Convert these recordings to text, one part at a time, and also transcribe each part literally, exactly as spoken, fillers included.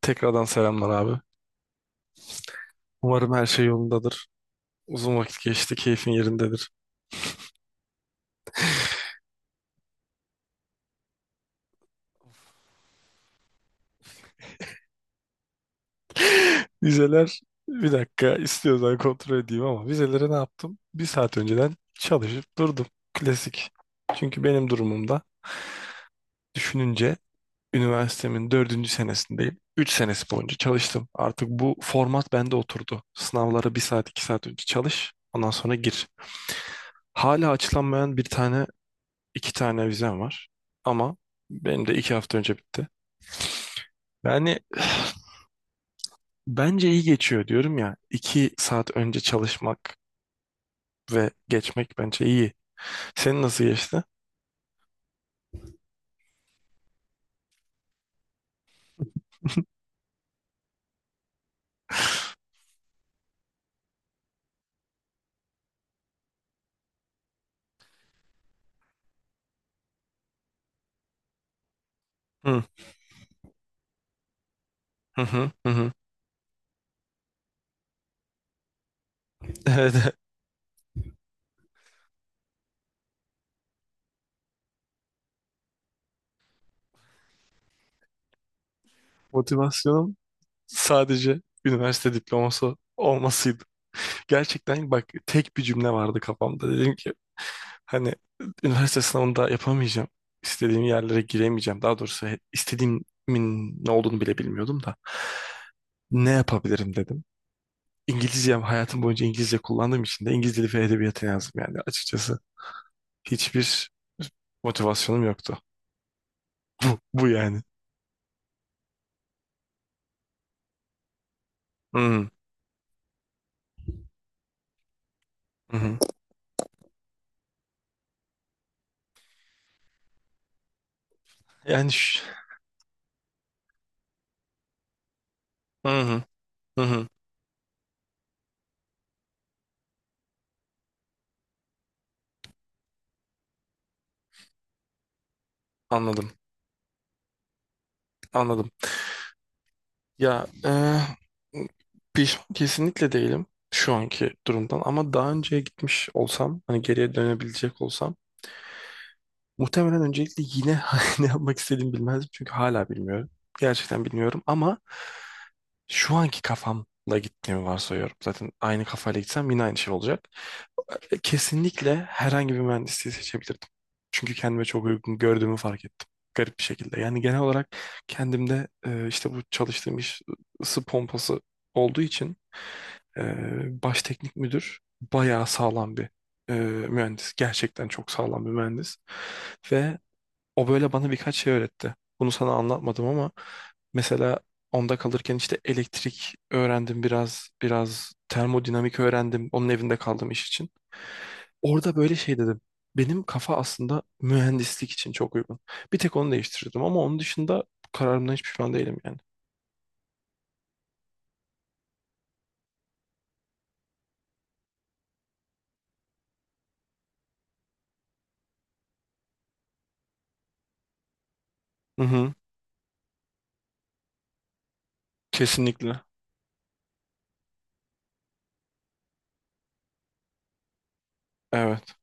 Tekrardan selamlar abi. Umarım her şey yolundadır. Uzun vakit geçti, keyfin yerindedir. Vizeler, bir dakika istiyorsan kontrol edeyim ama vizeleri ne yaptım? Bir saat önceden çalışıp durdum. Klasik. Çünkü benim durumumda düşününce üniversitemin dördüncü senesindeyim. Üç senesi boyunca çalıştım. Artık bu format bende oturdu. Sınavlara bir saat, iki saat önce çalış. Ondan sonra gir. Hala açılanmayan bir tane, iki tane vizem var. Ama benim de iki hafta önce bitti. Yani bence iyi geçiyor diyorum ya. İki saat önce çalışmak ve geçmek bence iyi. Senin nasıl geçti? Hı hı hı hı. Evet. Motivasyonum sadece üniversite diploması olmasıydı. Gerçekten bak tek bir cümle vardı kafamda. Dedim ki hani üniversite sınavında yapamayacağım. İstediğim yerlere giremeyeceğim. Daha doğrusu he- istediğimin ne olduğunu bile bilmiyordum da. Ne yapabilirim dedim. İngilizce hayatım boyunca İngilizce kullandığım için de İngiliz dili ve edebiyatı yazdım yani açıkçası. Hiçbir motivasyonum yoktu. Bu yani. Hı hı. Hı hı. Yani ş- hı hı. Hı hı. Anladım. Anladım. Ya e, pişman kesinlikle değilim şu anki durumdan ama daha önceye gitmiş olsam hani geriye dönebilecek olsam muhtemelen öncelikle yine ne yapmak istediğimi bilmezdim çünkü hala bilmiyorum. Gerçekten bilmiyorum ama şu anki kafamla gittiğimi varsayıyorum. Zaten aynı kafayla gitsem yine aynı şey olacak. E, Kesinlikle herhangi bir mühendisliği seçebilirdim. Çünkü kendime çok uygun gördüğümü fark ettim. Garip bir şekilde. Yani genel olarak kendimde e, işte bu çalıştığım iş ısı pompası olduğu için e, baş teknik müdür bayağı sağlam bir e, mühendis. Gerçekten çok sağlam bir mühendis. Ve o böyle bana birkaç şey öğretti. Bunu sana anlatmadım ama mesela onda kalırken işte elektrik öğrendim biraz, biraz termodinamik öğrendim. Onun evinde kaldım iş için. Orada böyle şey dedim. Benim kafa aslında mühendislik için çok uygun. Bir tek onu değiştirdim ama onun dışında kararımdan hiç pişman değilim yani. Hı hı, kesinlikle. Evet,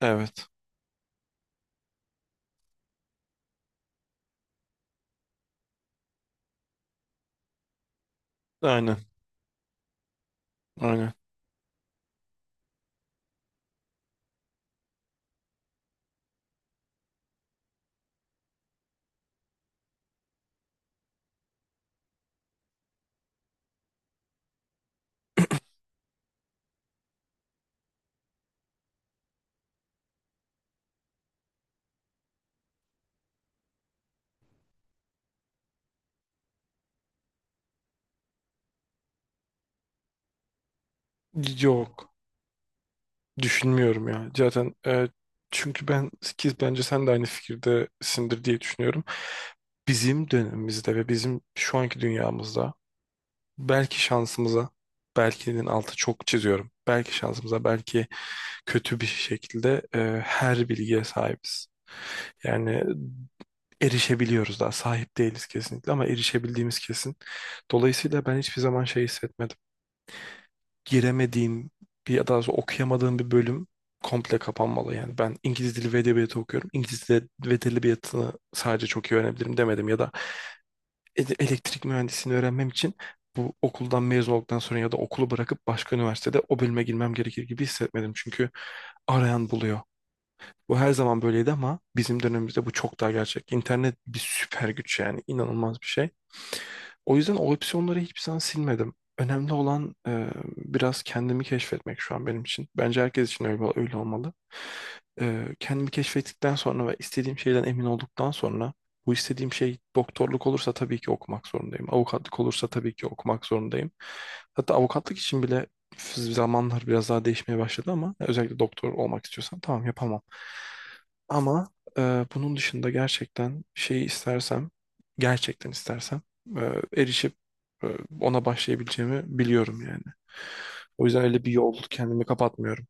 evet. Aynen, aynen. Yok. Düşünmüyorum ya. Zaten e, çünkü ben ki bence sen de aynı fikirdesindir diye düşünüyorum. Bizim dönemimizde ve bizim şu anki dünyamızda belki şansımıza belkinin altı çok çiziyorum. Belki şansımıza belki kötü bir şekilde e, her bilgiye sahibiz. Yani erişebiliyoruz daha sahip değiliz kesinlikle ama erişebildiğimiz kesin. Dolayısıyla ben hiçbir zaman şey hissetmedim giremediğim bir ya da okuyamadığım bir bölüm komple kapanmalı. Yani ben İngiliz dili ve edebiyatı okuyorum. İngiliz dili ve edebiyatını sadece çok iyi öğrenebilirim demedim ya da ele- elektrik mühendisliğini öğrenmem için bu okuldan mezun olduktan sonra ya da okulu bırakıp başka üniversitede o bölüme girmem gerekir gibi hissetmedim. Çünkü arayan buluyor. Bu her zaman böyleydi ama bizim dönemimizde bu çok daha gerçek. İnternet bir süper güç yani inanılmaz bir şey. O yüzden o opsiyonları hiçbirisinden silmedim. Önemli olan e, biraz kendimi keşfetmek şu an benim için. Bence herkes için öyle, öyle olmalı. E, kendimi keşfettikten sonra ve istediğim şeyden emin olduktan sonra bu istediğim şey doktorluk olursa tabii ki okumak zorundayım. Avukatlık olursa tabii ki okumak zorundayım. Hatta avukatlık için bile zamanlar biraz daha değişmeye başladı ama özellikle doktor olmak istiyorsan tamam yapamam. Ama e, bunun dışında gerçekten şeyi istersem, gerçekten istersem e, erişip e, ona başlayabileceğimi biliyorum yani. O yüzden öyle bir yol kendimi kapatmıyorum.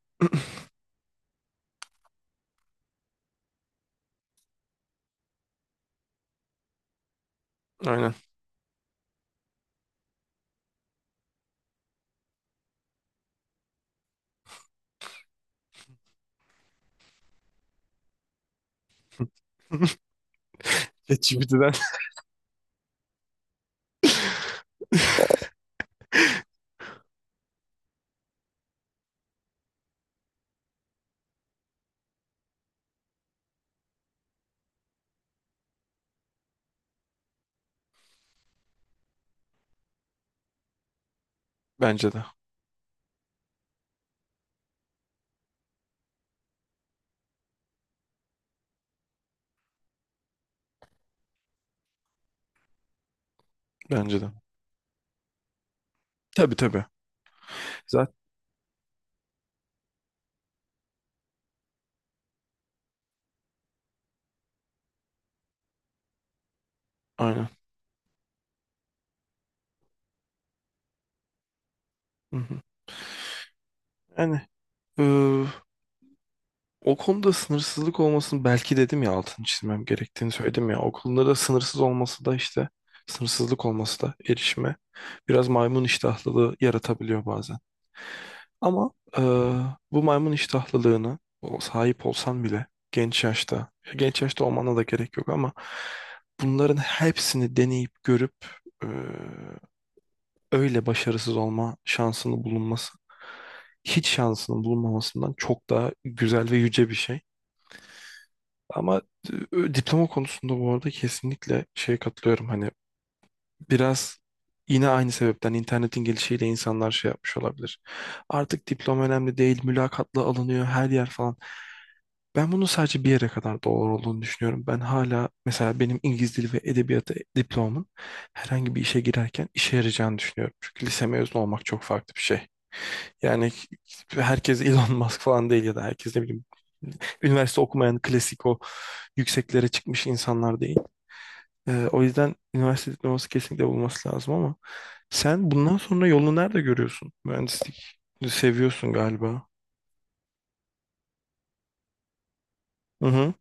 Aynen. ChatGPT'den. Bence de. Bence de. Tabii tabii. Zaten aynen. Hı hı. Yani e, o konuda sınırsızlık olmasını belki dedim ya altını çizmem gerektiğini söyledim ya. O konuda da sınırsız olması da işte sınırsızlık olması da erişime biraz maymun iştahlılığı yaratabiliyor bazen. Ama eee, bu maymun iştahlılığını o sahip olsan bile genç yaşta, genç yaşta olmana da gerek yok ama bunların hepsini deneyip görüp eee, öyle başarısız olma şansını bulunması hiç şansının bulunmamasından çok daha güzel ve yüce bir şey. Ama e, diploma konusunda bu arada kesinlikle şeye katılıyorum. Hani biraz yine aynı sebepten internetin gelişiyle insanlar şey yapmış olabilir. Artık diploma önemli değil, mülakatla alınıyor her yer falan. Ben bunun sadece bir yere kadar doğru olduğunu düşünüyorum. Ben hala mesela benim İngiliz dili ve edebiyatı diplomamın herhangi bir işe girerken işe yarayacağını düşünüyorum. Çünkü lise mezunu olmak çok farklı bir şey. Yani herkes Elon Musk falan değil ya da herkes ne bileyim üniversite okumayan klasik o yükseklere çıkmış insanlar değil. Ee, o yüzden üniversite diploması kesinlikle bulması lazım ama sen bundan sonra yolunu nerede görüyorsun? Mühendislik seviyorsun galiba. Hı hı.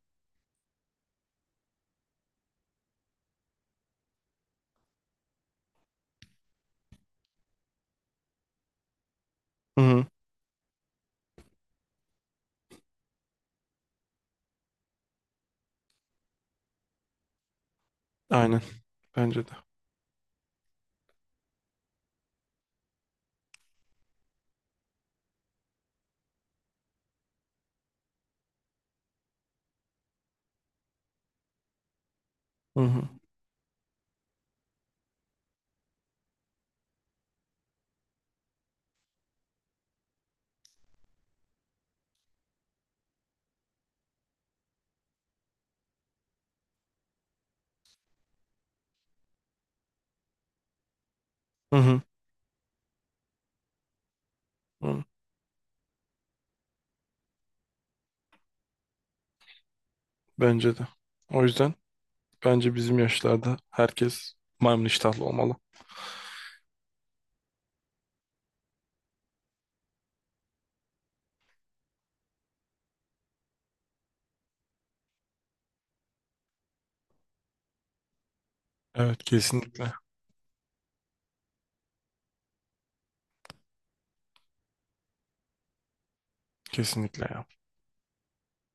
Hı hı. Aynen. Bence de. Hı hı. Hı hı. Hı. Bence de. O yüzden bence bizim yaşlarda herkes maymun iştahlı olmalı. Evet kesinlikle. Kesinlikle ya.